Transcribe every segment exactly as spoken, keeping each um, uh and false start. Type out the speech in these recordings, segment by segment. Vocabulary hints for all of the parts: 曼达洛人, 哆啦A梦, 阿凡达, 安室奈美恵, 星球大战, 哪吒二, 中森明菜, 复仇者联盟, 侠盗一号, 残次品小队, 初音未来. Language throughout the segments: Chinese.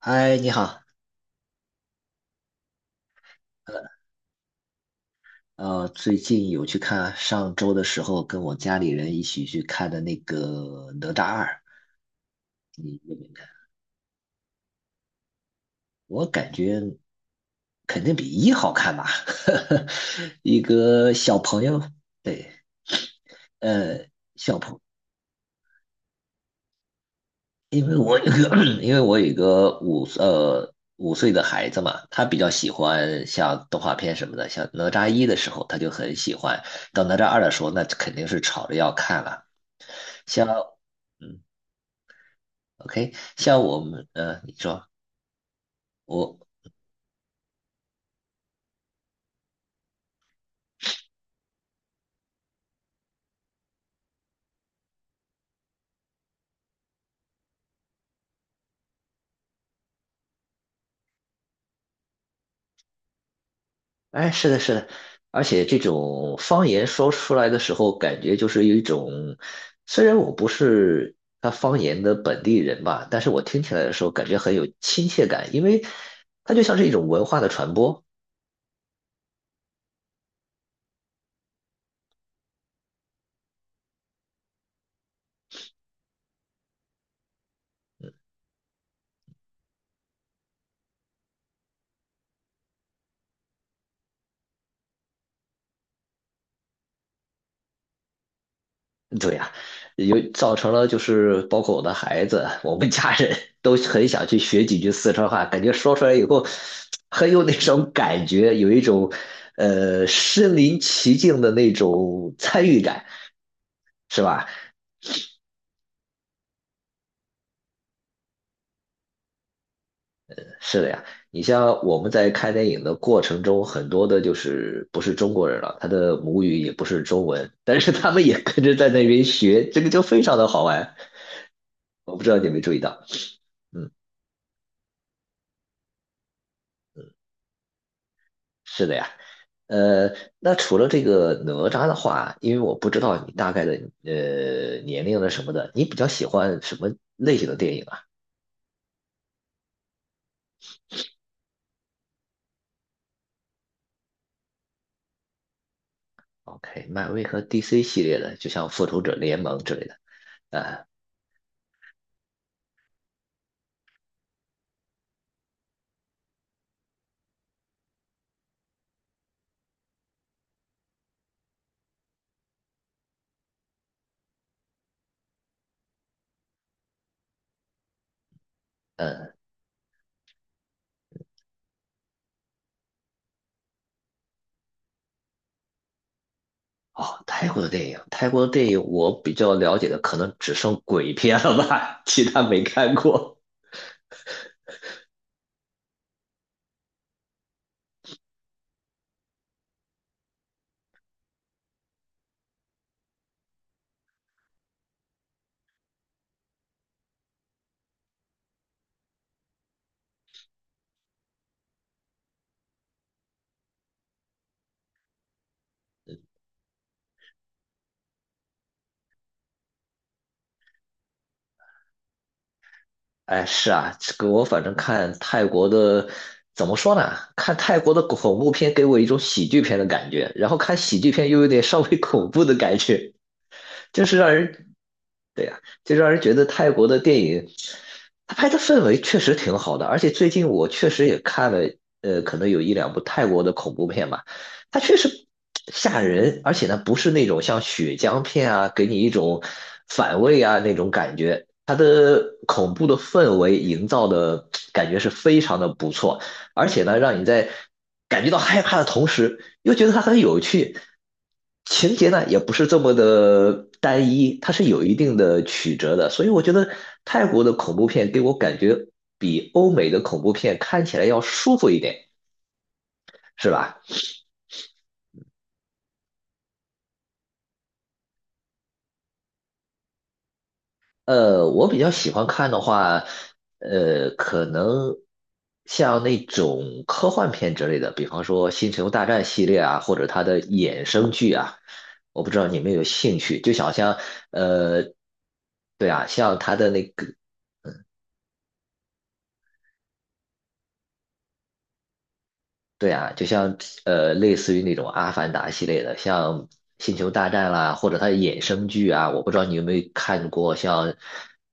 嗨，你好。呃，最近有去看，上周的时候跟我家里人一起去看的那个《哪吒二》，你有没有看？我感觉肯定比一好看吧。一个小朋友。对。呃，小朋，因为我有个，因为我有一个五呃五岁的孩子嘛，他比较喜欢像动画片什么的，像哪吒一的时候他就很喜欢，到哪吒二的时候那肯定是吵着要看了。像。嗯。OK，像我们呃，你说我，哎，是的，是的。而且这种方言说出来的时候，感觉就是有一种，虽然我不是他方言的本地人吧，但是我听起来的时候感觉很有亲切感，因为它就像是一种文化的传播。对呀、有造成了就是包括我的孩子，我们家人都很想去学几句四川话，感觉说出来以后很有那种感觉，有一种呃身临其境的那种参与感，是吧？是的呀。你像我们在看电影的过程中，很多的就是不是中国人了，他的母语也不是中文，但是他们也跟着在那边学，这个就非常的好玩。我不知道你有没有注意到。嗯。是的呀。呃，那除了这个哪吒的话，因为我不知道你大概的呃年龄的什么的，你比较喜欢什么类型的电影啊？OK，漫威和 D C 系列的，就像复仇者联盟之类的。呃呃，哦，泰国的电影，泰国的电影我比较了解的可能只剩鬼片了吧，其他没看过。哎，是啊，这个我反正看泰国的，怎么说呢？看泰国的恐怖片给我一种喜剧片的感觉，然后看喜剧片又有点稍微恐怖的感觉，就是让人对呀，就让人觉得泰国的电影，他拍的氛围确实挺好的。而且最近我确实也看了，呃，可能有一两部泰国的恐怖片吧，它确实吓人，而且呢不是那种像血浆片啊，给你一种反胃啊那种感觉，它的恐怖的氛围营造的感觉是非常的不错。而且呢，让你在感觉到害怕的同时，又觉得它很有趣。情节呢，也不是这么的单一，它是有一定的曲折的。所以我觉得泰国的恐怖片给我感觉比欧美的恐怖片看起来要舒服一点，是吧？呃，我比较喜欢看的话，呃，可能像那种科幻片之类的，比方说《星球大战》系列啊，或者它的衍生剧啊，我不知道你有没有兴趣。就想像呃，对啊，像它的那个对啊，就像呃，类似于那种《阿凡达》系列的，像《星球大战》啦，或者它的衍生剧啊，我不知道你有没有看过，像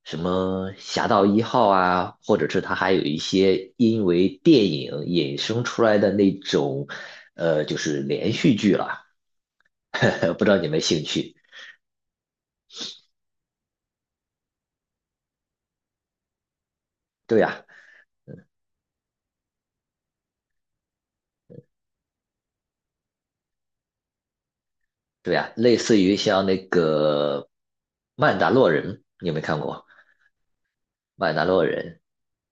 什么《侠盗一号》啊，或者是它还有一些因为电影衍生出来的那种，呃，就是连续剧了，不知道你们兴趣？对呀，对呀，类似于像那个《曼达洛人》，你有没有看过？曼达洛人。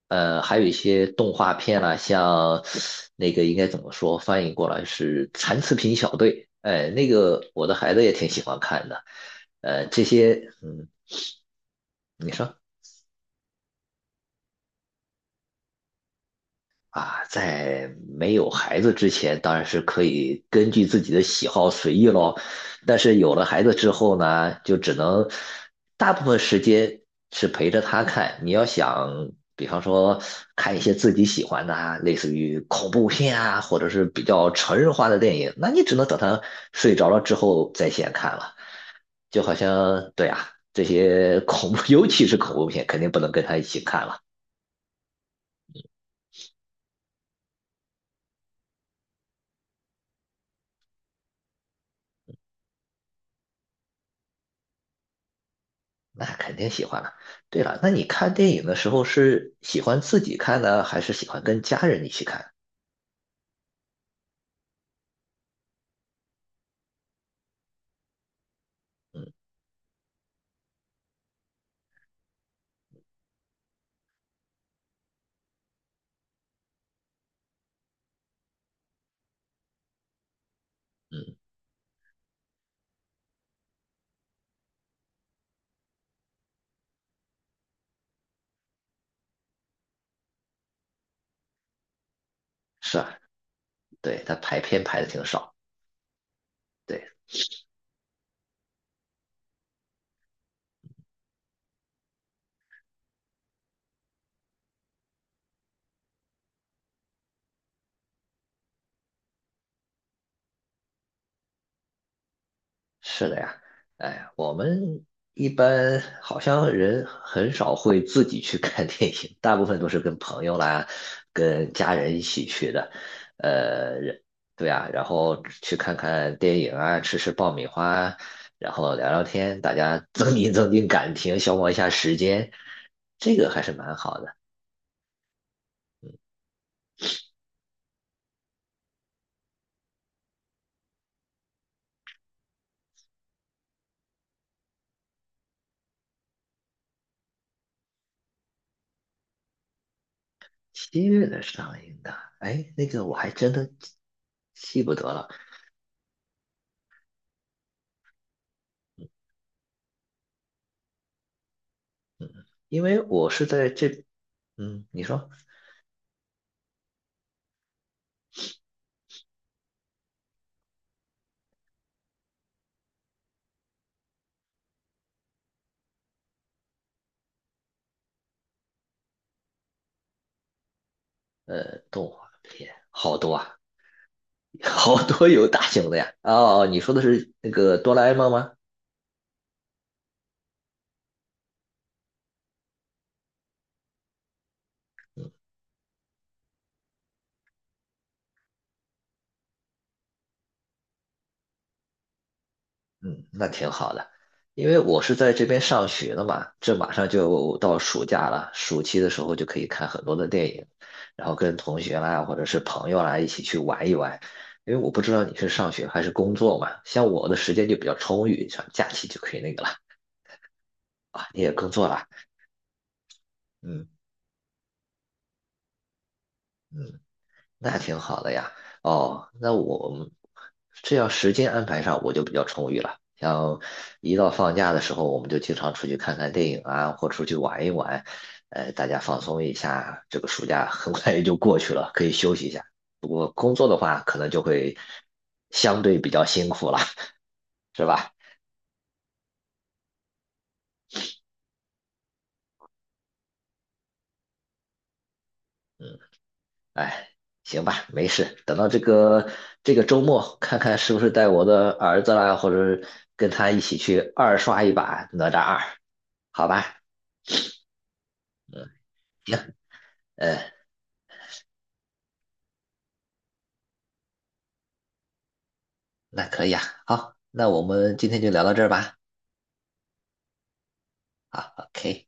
呃，还有一些动画片啊，像那个应该怎么说，翻译过来是《残次品小队》，哎，那个我的孩子也挺喜欢看的。呃，这些，嗯，你说。啊，在没有孩子之前，当然是可以根据自己的喜好随意咯。但是有了孩子之后呢，就只能大部分时间是陪着他看。你要想，比方说看一些自己喜欢的啊，类似于恐怖片啊，或者是比较成人化的电影，那你只能等他睡着了之后在线看了。就好像，对啊，这些恐怖，尤其是恐怖片，肯定不能跟他一起看了。那肯定喜欢了。对了，那你看电影的时候是喜欢自己看呢，还是喜欢跟家人一起看？嗯嗯。是啊，对，他排片排的挺少。对。是的呀。哎，我们一般好像人很少会自己去 看电影，大部分都是跟朋友啦、跟家人一起去的。呃，人对啊，然后去看看电影啊，吃吃爆米花，然后聊聊天，大家增进增进感情，消磨一下时间，这个还是蛮好的。七月的上映的，哎，那个我还真的记不得了，因为我是在这，嗯，你说。呃，动画片好多啊，好多有大型的呀。哦，哦你说的是那个哆啦 A 梦吗？嗯，那挺好的，因为我是在这边上学的嘛，这马上就到暑假了，暑期的时候就可以看很多的电影，然后跟同学啦或者是朋友啦一起去玩一玩。因为我不知道你是上学还是工作嘛，像我的时间就比较充裕，像假期就可以那个了。啊，你也工作了。嗯嗯，那挺好的呀。哦，那我们这要时间安排上，我就比较充裕了。像一到放假的时候，我们就经常出去看看电影啊，或出去玩一玩。呃，大家放松一下。这个暑假很快也就过去了，可以休息一下。不过工作的话，可能就会相对比较辛苦了，是吧？嗯，哎，行吧，没事。等到这个这个周末，看看是不是带我的儿子啦，或者跟他一起去二刷一把《哪吒二》。好吧。嗯，那可以啊，好，那我们今天就聊到这儿吧。好，OK。